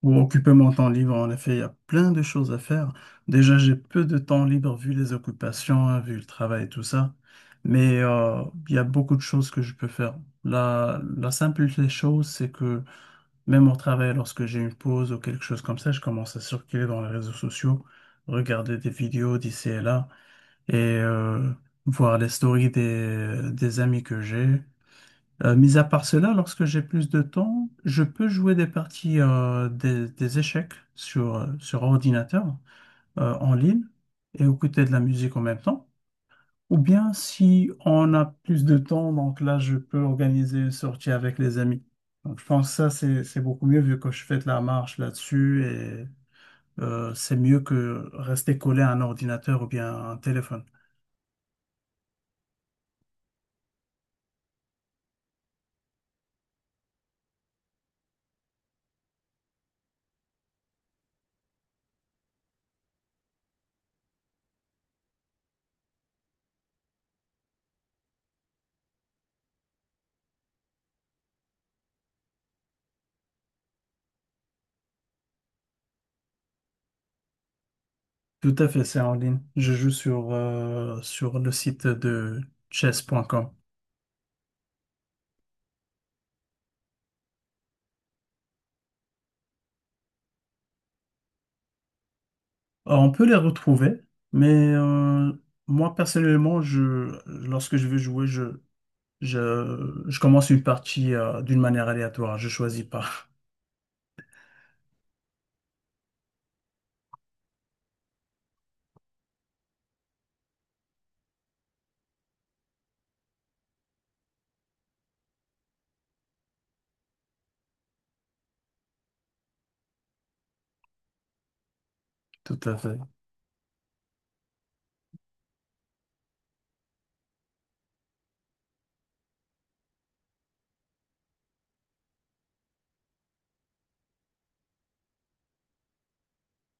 Pour occuper mon temps libre, en effet, il y a plein de choses à faire. Déjà, j'ai peu de temps libre vu les occupations, hein, vu le travail et tout ça. Mais il y a beaucoup de choses que je peux faire. La simple des choses, c'est que même au travail, lorsque j'ai une pause ou quelque chose comme ça, je commence à circuler dans les réseaux sociaux, regarder des vidéos d'ici et là et voir les stories des amis que j'ai. Mis à part cela, lorsque j'ai plus de temps, je peux jouer des parties des échecs sur sur ordinateur en ligne et écouter de la musique en même temps. Ou bien si on a plus de temps, donc là, je peux organiser une sortie avec les amis. Donc, je pense que ça, c'est beaucoup mieux vu que je fais de la marche là-dessus et c'est mieux que rester collé à un ordinateur ou bien à un téléphone. Tout à fait, c'est en ligne. Je joue sur sur le site de chess.com. On peut les retrouver, mais moi personnellement, lorsque je veux jouer, je commence une partie d'une manière aléatoire, je choisis pas. Tout à fait.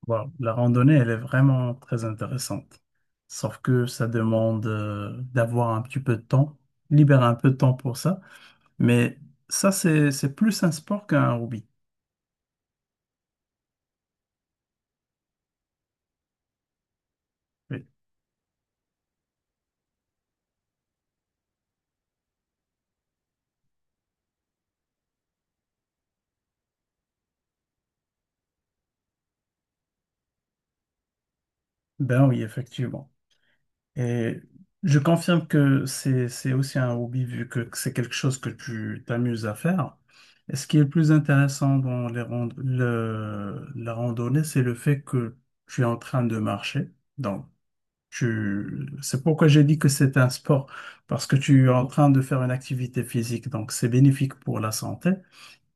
Voilà, la randonnée, elle est vraiment très intéressante. Sauf que ça demande d'avoir un petit peu de temps, libérer un peu de temps pour ça. Mais ça, c'est plus un sport qu'un hobby. Oui. Ben oui, effectivement. Et je confirme que c'est aussi un hobby vu que c'est quelque chose que tu t'amuses à faire. Et ce qui est le plus intéressant dans la randonnée, c'est le fait que tu es en train de marcher. Donc, c'est pourquoi j'ai dit que c'est un sport, parce que tu es en train de faire une activité physique, donc c'est bénéfique pour la santé.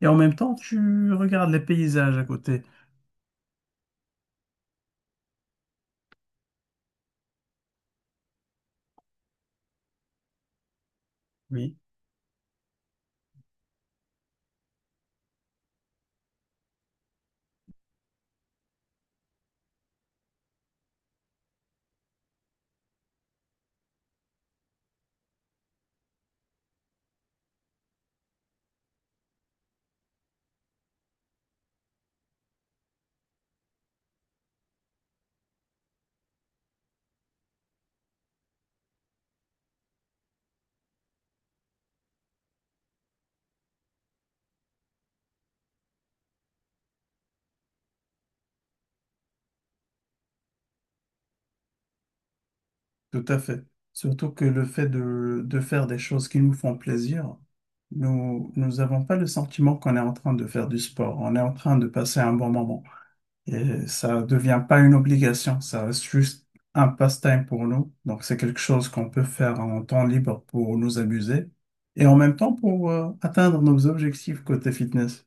Et en même temps, tu regardes les paysages à côté. Oui, tout à fait. Surtout que le fait de faire des choses qui nous font plaisir, nous n'avons pas le sentiment qu'on est en train de faire du sport, on est en train de passer un bon moment. Et ça ne devient pas une obligation, ça reste juste un passe-temps pour nous. Donc, c'est quelque chose qu'on peut faire en temps libre pour nous amuser et en même temps pour atteindre nos objectifs côté fitness.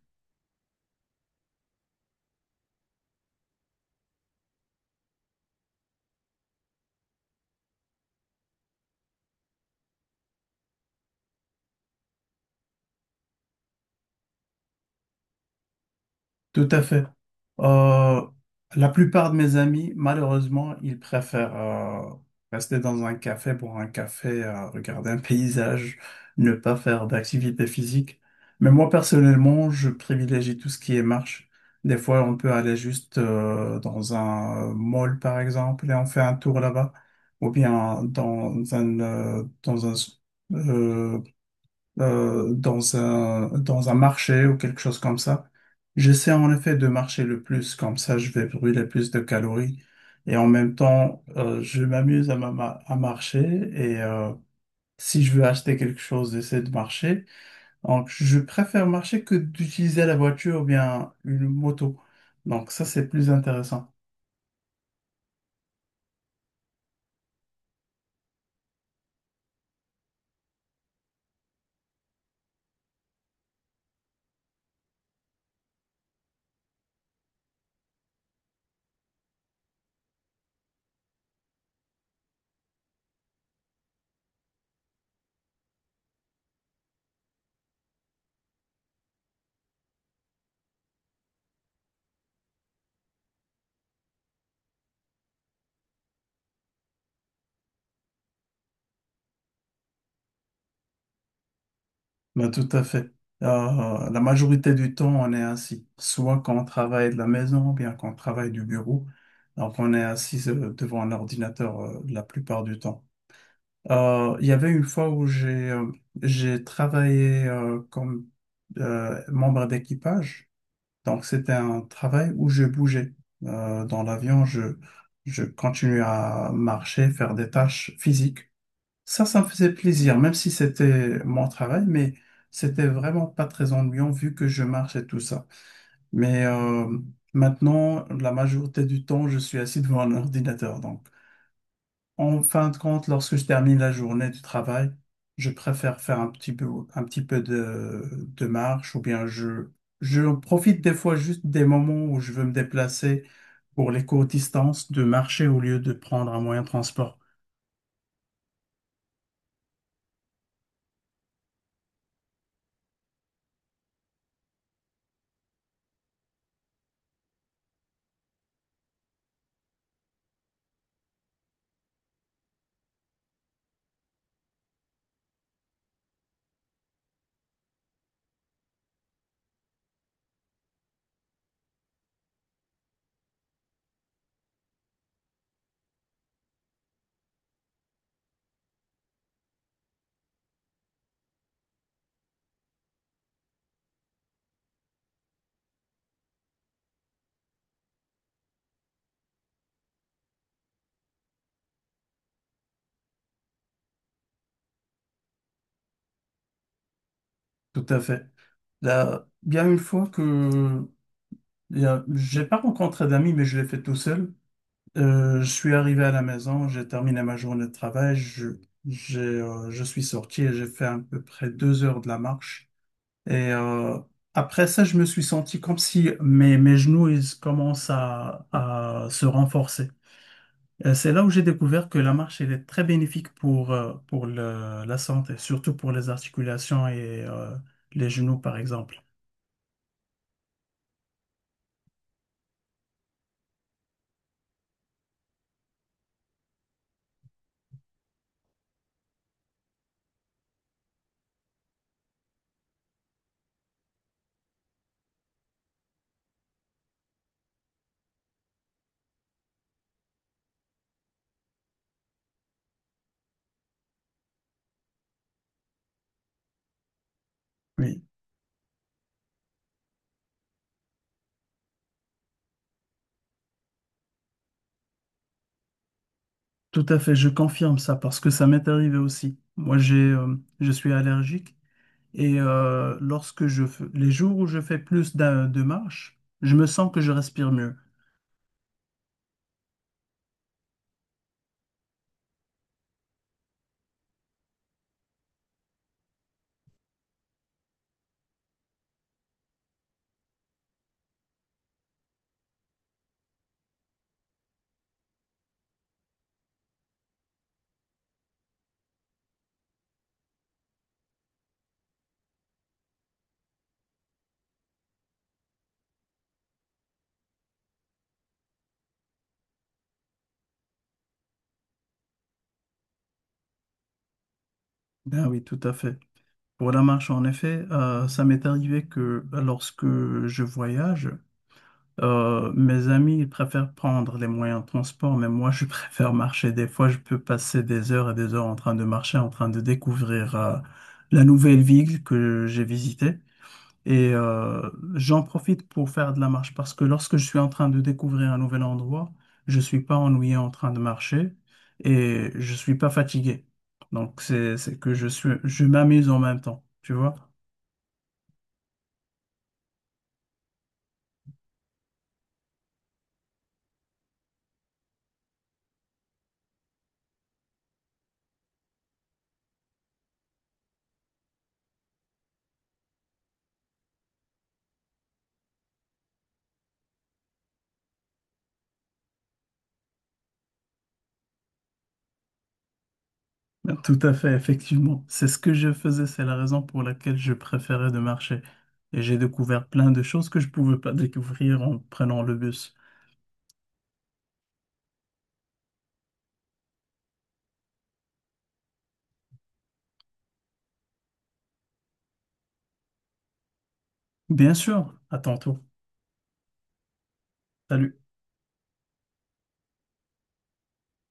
Tout à fait. Euh, la plupart de mes amis, malheureusement, ils préfèrent rester dans un café pour un café, regarder un paysage, ne pas faire d'activité physique. Mais moi, personnellement, je privilégie tout ce qui est marche. Des fois, on peut aller juste dans un mall, par exemple, et on fait un tour là-bas. Ou bien dans un, dans un, euh, dans un, dans un marché ou quelque chose comme ça. J'essaie en effet de marcher le plus, comme ça je vais brûler plus de calories. Et en même temps, je m'amuse à, à marcher et si je veux acheter quelque chose, j'essaie de marcher. Donc je préfère marcher que d'utiliser la voiture ou bien une moto. Donc ça, c'est plus intéressant. Ben, tout à fait. La majorité du temps, on est assis, soit quand on travaille de la maison, ou bien quand on travaille du bureau. Donc, on est assis devant un ordinateur la plupart du temps. Il y avait une fois où j'ai travaillé comme membre d'équipage. Donc, c'était un travail où je bougeais. Dans l'avion, je continuais à marcher, faire des tâches physiques. Ça me faisait plaisir, même si c'était mon travail, mais c'était vraiment pas très ennuyant vu que je marche et tout ça. Mais maintenant, la majorité du temps, je suis assis devant un ordinateur. Donc, en fin de compte, lorsque je termine la journée du travail, je préfère faire un petit peu de marche ou bien je profite des fois juste des moments où je veux me déplacer pour les courtes distances de marcher au lieu de prendre un moyen de transport. Tout à fait. Là, il y a une fois que il y a- j'ai pas rencontré d'amis, mais je l'ai fait tout seul. Je suis arrivé à la maison, j'ai terminé ma journée de travail, je suis sorti et j'ai fait à peu près deux heures de la marche. Et après ça, je me suis senti comme si mes genoux ils commencent à se renforcer. Et c'est là où j'ai découvert que la marche elle est très bénéfique pour la santé, surtout pour les articulations et les genoux, par exemple. Oui. Tout à fait, je confirme ça parce que ça m'est arrivé aussi. Moi, je suis allergique et lorsque je fais, les jours où je fais plus de marche, je me sens que je respire mieux. Ben oui, tout à fait. Pour la marche, en effet, ça m'est arrivé que lorsque je voyage, mes amis ils préfèrent prendre les moyens de transport, mais moi, je préfère marcher. Des fois, je peux passer des heures et des heures en train de marcher, en train de découvrir la nouvelle ville que j'ai visitée. Et j'en profite pour faire de la marche parce que lorsque je suis en train de découvrir un nouvel endroit, je suis pas ennuyé en train de marcher et je suis pas fatigué. Donc c'est que je suis je m'amuse en même temps, tu vois? Tout à fait, effectivement. C'est ce que je faisais, c'est la raison pour laquelle je préférais de marcher. Et j'ai découvert plein de choses que je pouvais pas découvrir en prenant le bus. Bien sûr, à tantôt. Salut.